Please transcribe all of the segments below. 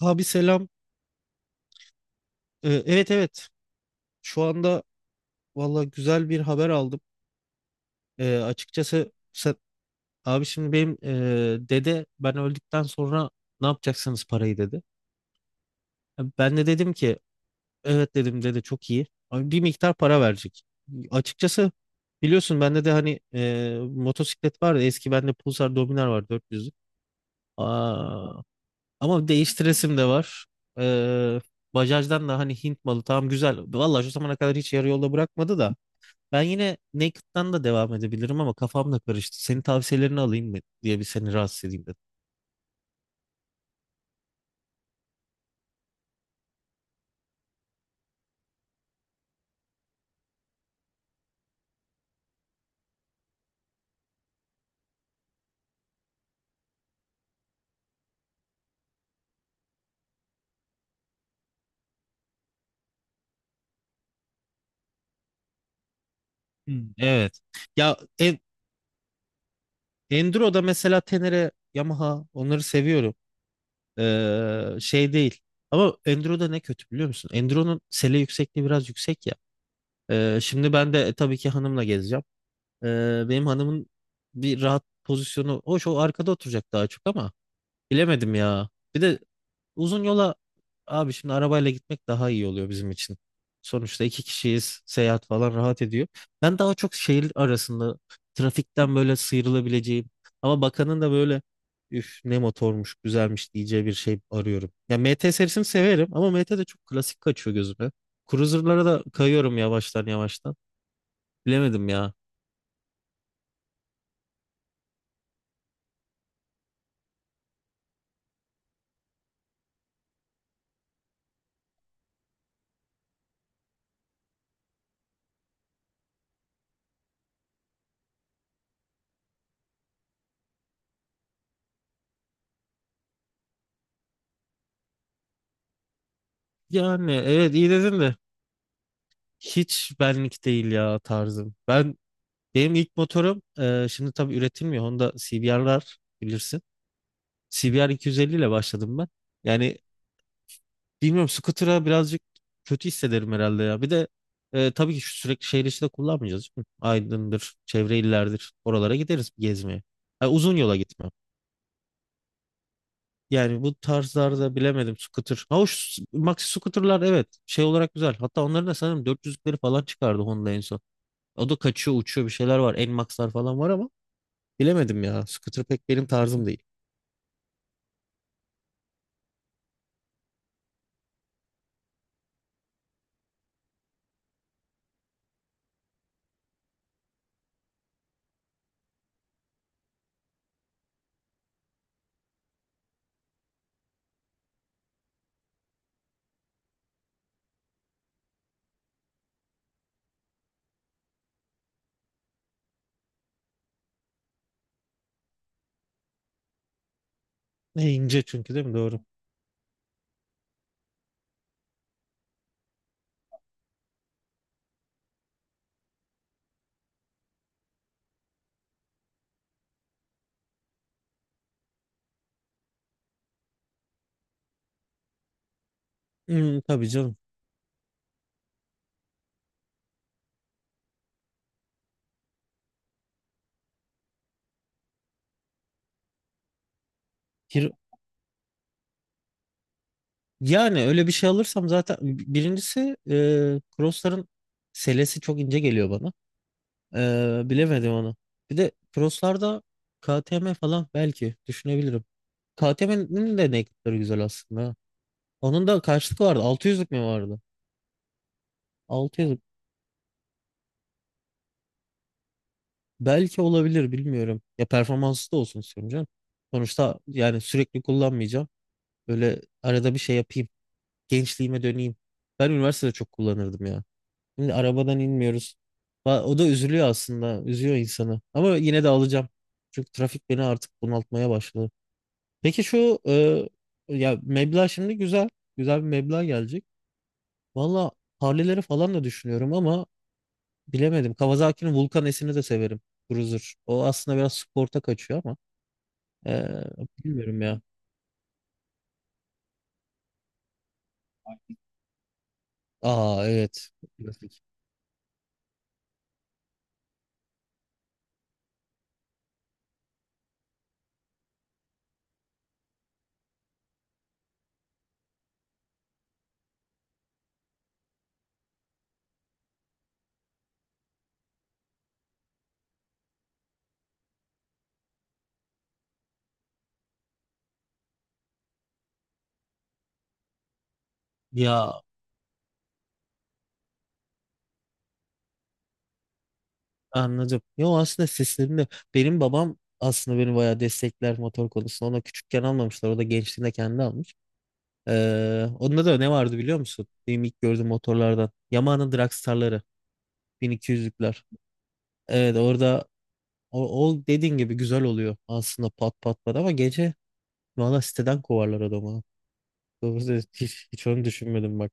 Abi selam. Evet evet. Şu anda valla güzel bir haber aldım. Açıkçası sen, abi şimdi benim dede ben öldükten sonra ne yapacaksınız parayı dedi. Ben de dedim ki evet dedim dede çok iyi. Abi bir miktar para verecek. Açıkçası biliyorsun bende de hani motosiklet vardı. Eski bende Pulsar Dominar var 400'lük. Aa, ama değiştiresim de var. Ee, Bajaj'dan da hani Hint malı tamam güzel. Valla şu zamana kadar hiç yarı yolda bırakmadı da. Ben yine Naked'dan da devam edebilirim ama kafam da karıştı. Senin tavsiyelerini alayım mı diye bir seni rahatsız edeyim dedim. Hmm. Evet. Ya en, Enduro'da mesela Tenere, Yamaha onları seviyorum. Şey değil. Ama Enduro'da ne kötü biliyor musun? Enduro'nun sele yüksekliği biraz yüksek ya. Şimdi ben de tabii ki hanımla gezeceğim. Benim hanımın bir rahat pozisyonu. Hoş o arkada oturacak daha çok ama bilemedim ya. Bir de uzun yola abi şimdi arabayla gitmek daha iyi oluyor bizim için. Sonuçta iki kişiyiz. Seyahat falan rahat ediyor. Ben daha çok şehir arasında trafikten böyle sıyrılabileceğim ama bakanın da böyle üf ne motormuş güzelmiş diyeceği bir şey arıyorum. Ya MT serisini severim ama MT de çok klasik kaçıyor gözüme. Cruiser'lara da kayıyorum yavaştan yavaştan. Bilemedim ya. Yani evet iyi dedin de hiç benlik değil ya tarzım. Benim ilk motorum şimdi tabii üretilmiyor. Honda CBR'lar bilirsin. CBR 250 ile başladım ben. Yani bilmiyorum scooter'a birazcık kötü hissederim herhalde ya. Bir de tabii ki şu sürekli şehir içinde kullanmayacağız, değil mi? Aydın'dır, çevre illerdir. Oralara gideriz gezmeye. Yani uzun yola gitmem. Yani bu tarzlarda bilemedim scooter. Ha hoş maxi scooter'lar evet şey olarak güzel. Hatta onların da sanırım 400'lükleri falan çıkardı Honda en son. O da kaçıyor uçuyor bir şeyler var. N-Max'lar falan var ama bilemedim ya. Scooter pek benim tarzım değil. E, ince çünkü değil mi? Doğru. Hmm, tabii canım. Hir- Yani öyle bir şey alırsam zaten birincisi crossların selesi çok ince geliyor bana. Bilemedim onu. Bir de crosslarda KTM falan belki düşünebilirim. KTM'nin de naked'ları güzel aslında, ha. Onun da kaçlık vardı? 600'lük mi vardı? 600'lük. Belki olabilir bilmiyorum. Ya performanslı da olsun istiyorum canım. Sonuçta yani sürekli kullanmayacağım. Böyle arada bir şey yapayım. Gençliğime döneyim. Ben üniversitede çok kullanırdım ya. Şimdi arabadan inmiyoruz. O da üzülüyor aslında. Üzüyor insanı. Ama yine de alacağım. Çünkü trafik beni artık bunaltmaya başladı. Peki şu ya meblağ şimdi güzel. Güzel bir meblağ gelecek. Valla Harley'leri falan da düşünüyorum ama bilemedim. Kawasaki'nin Vulcan S'ini de severim. Cruiser. O aslında biraz sporta kaçıyor ama e, bilmiyorum ya. Aa evet. Klasik. Ya anladım. Yo aslında seslerinde benim babam aslında beni bayağı destekler motor konusunda. Ona küçükken almamışlar. O da gençliğinde kendi almış. Onda da ne vardı biliyor musun? Benim ilk gördüğüm motorlardan. Yamaha'nın Dragstar'ları. 1200'lükler. Evet orada o dediğin gibi güzel oluyor aslında pat pat pat ama gece valla siteden kovarlar adamı. Doğrusu hiç onu düşünmedim bak.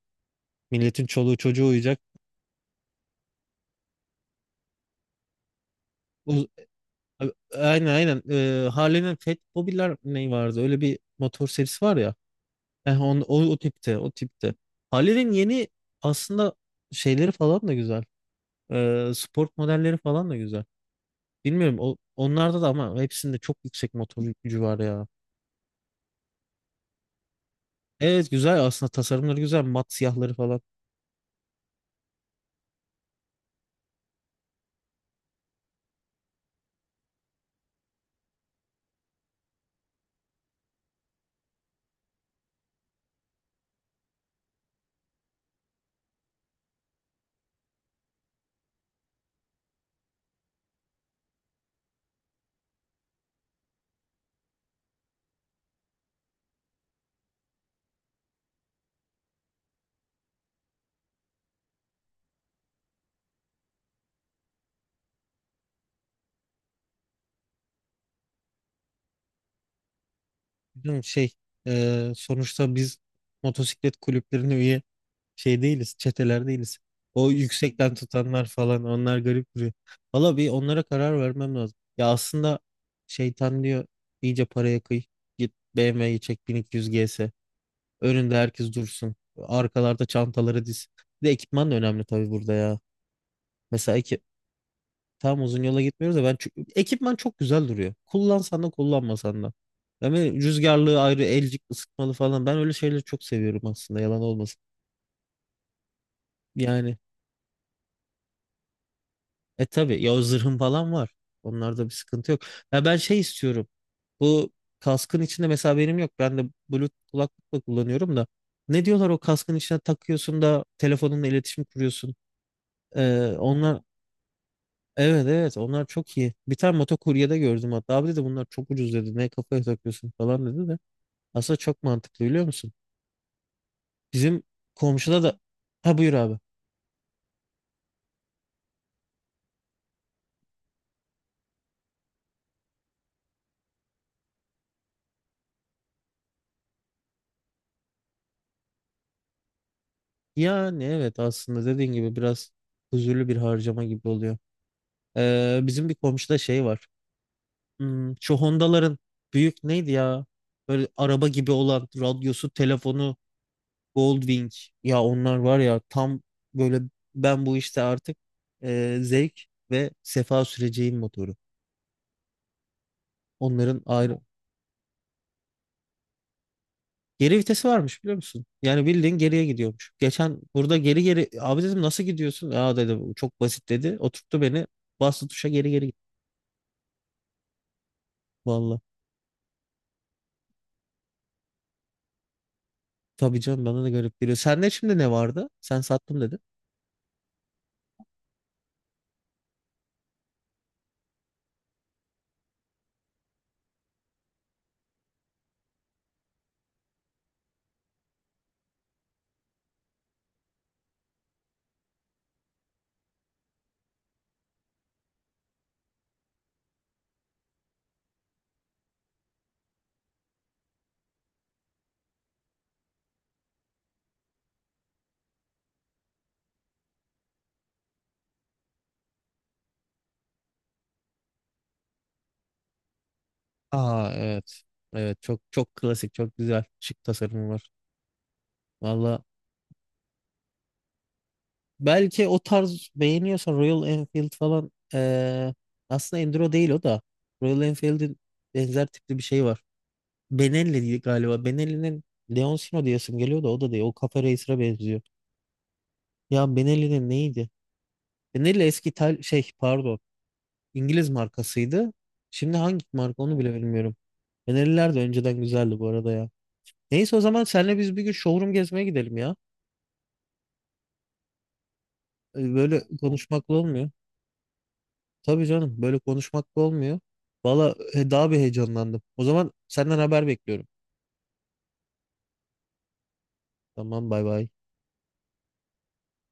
Milletin çoluğu çocuğu uyuyacak. Uz- Aynen aynen. Harley'nin Fat Bobby'ler ne vardı? Öyle bir motor serisi var ya. O tipte, o tipte. Halil'in yeni aslında şeyleri falan da güzel. Sport modelleri falan da güzel. Bilmiyorum onlarda da ama hepsinde çok yüksek motor gücü var ya. Evet güzel aslında, tasarımları güzel. Mat siyahları falan. Bilmiyorum, şey sonuçta biz motosiklet kulüplerine üye şey değiliz, çeteler değiliz. O yüksekten tutanlar falan onlar garip duruyor. Valla bir onlara karar vermem lazım. Ya aslında şeytan diyor iyice paraya kıy. Git BMW'yi çek, 1200 GS. Önünde herkes dursun. Arkalarda çantaları diz. Bir de ekipman da önemli tabii burada ya. Mesela ekip tam uzun yola gitmiyoruz da ekipman çok güzel duruyor. Kullansan da kullanmasan da. Yani rüzgarlığı ayrı, elcik ısıtmalı falan. Ben öyle şeyleri çok seviyorum aslında, yalan olmasın. Yani e tabii ya o zırhın falan var. Onlarda bir sıkıntı yok. Ya ben şey istiyorum. Bu kaskın içinde mesela benim yok. Ben de Bluetooth kulaklıkla kullanıyorum da. Ne diyorlar o kaskın içine takıyorsun da telefonunla iletişim kuruyorsun. Onlar evet, onlar çok iyi. Bir tane motokuryede gördüm hatta. Abi dedi bunlar çok ucuz dedi. Ne kafaya takıyorsun falan dedi de. Aslında çok mantıklı biliyor musun? Bizim komşuda da ha buyur abi. Yani evet aslında dediğin gibi biraz huzurlu bir harcama gibi oluyor. Bizim bir komşuda şey var. Hmm, şu Honda'ların büyük neydi ya? Böyle araba gibi olan radyosu, telefonu, Goldwing. Ya onlar var ya tam böyle ben bu işte artık zevk ve sefa süreceğin motoru. Onların ayrı. Geri vitesi varmış biliyor musun? Yani bildiğin geriye gidiyormuş. Geçen burada geri geri abi dedim nasıl gidiyorsun? Aa dedi "Bu çok basit dedi. Oturttu beni bastı tuşa geri geri gitti. Valla. Tabii canım, bana da garip geliyor. Sende şimdi ne vardı? Sen sattım dedin. Aa evet. Evet çok çok klasik, çok güzel, şık tasarımı var. Valla belki o tarz beğeniyorsan Royal Enfield falan aslında Enduro değil o da. Royal Enfield'in benzer tipli bir şey var. Benelli diye galiba. Benelli'nin Leoncino diyesim geliyor da o da değil. O Cafe Racer'a benziyor. Ya Benelli'nin neydi? Benelli eski İtal şey, pardon, İngiliz markasıydı. Şimdi hangi marka onu bile bilmiyorum. Benelliler de önceden güzeldi bu arada ya. Neyse o zaman senle biz bir gün showroom gezmeye gidelim ya. Böyle konuşmakla olmuyor. Tabii canım, böyle konuşmakla olmuyor. Valla daha bir heyecanlandım. O zaman senden haber bekliyorum. Tamam, bay bay.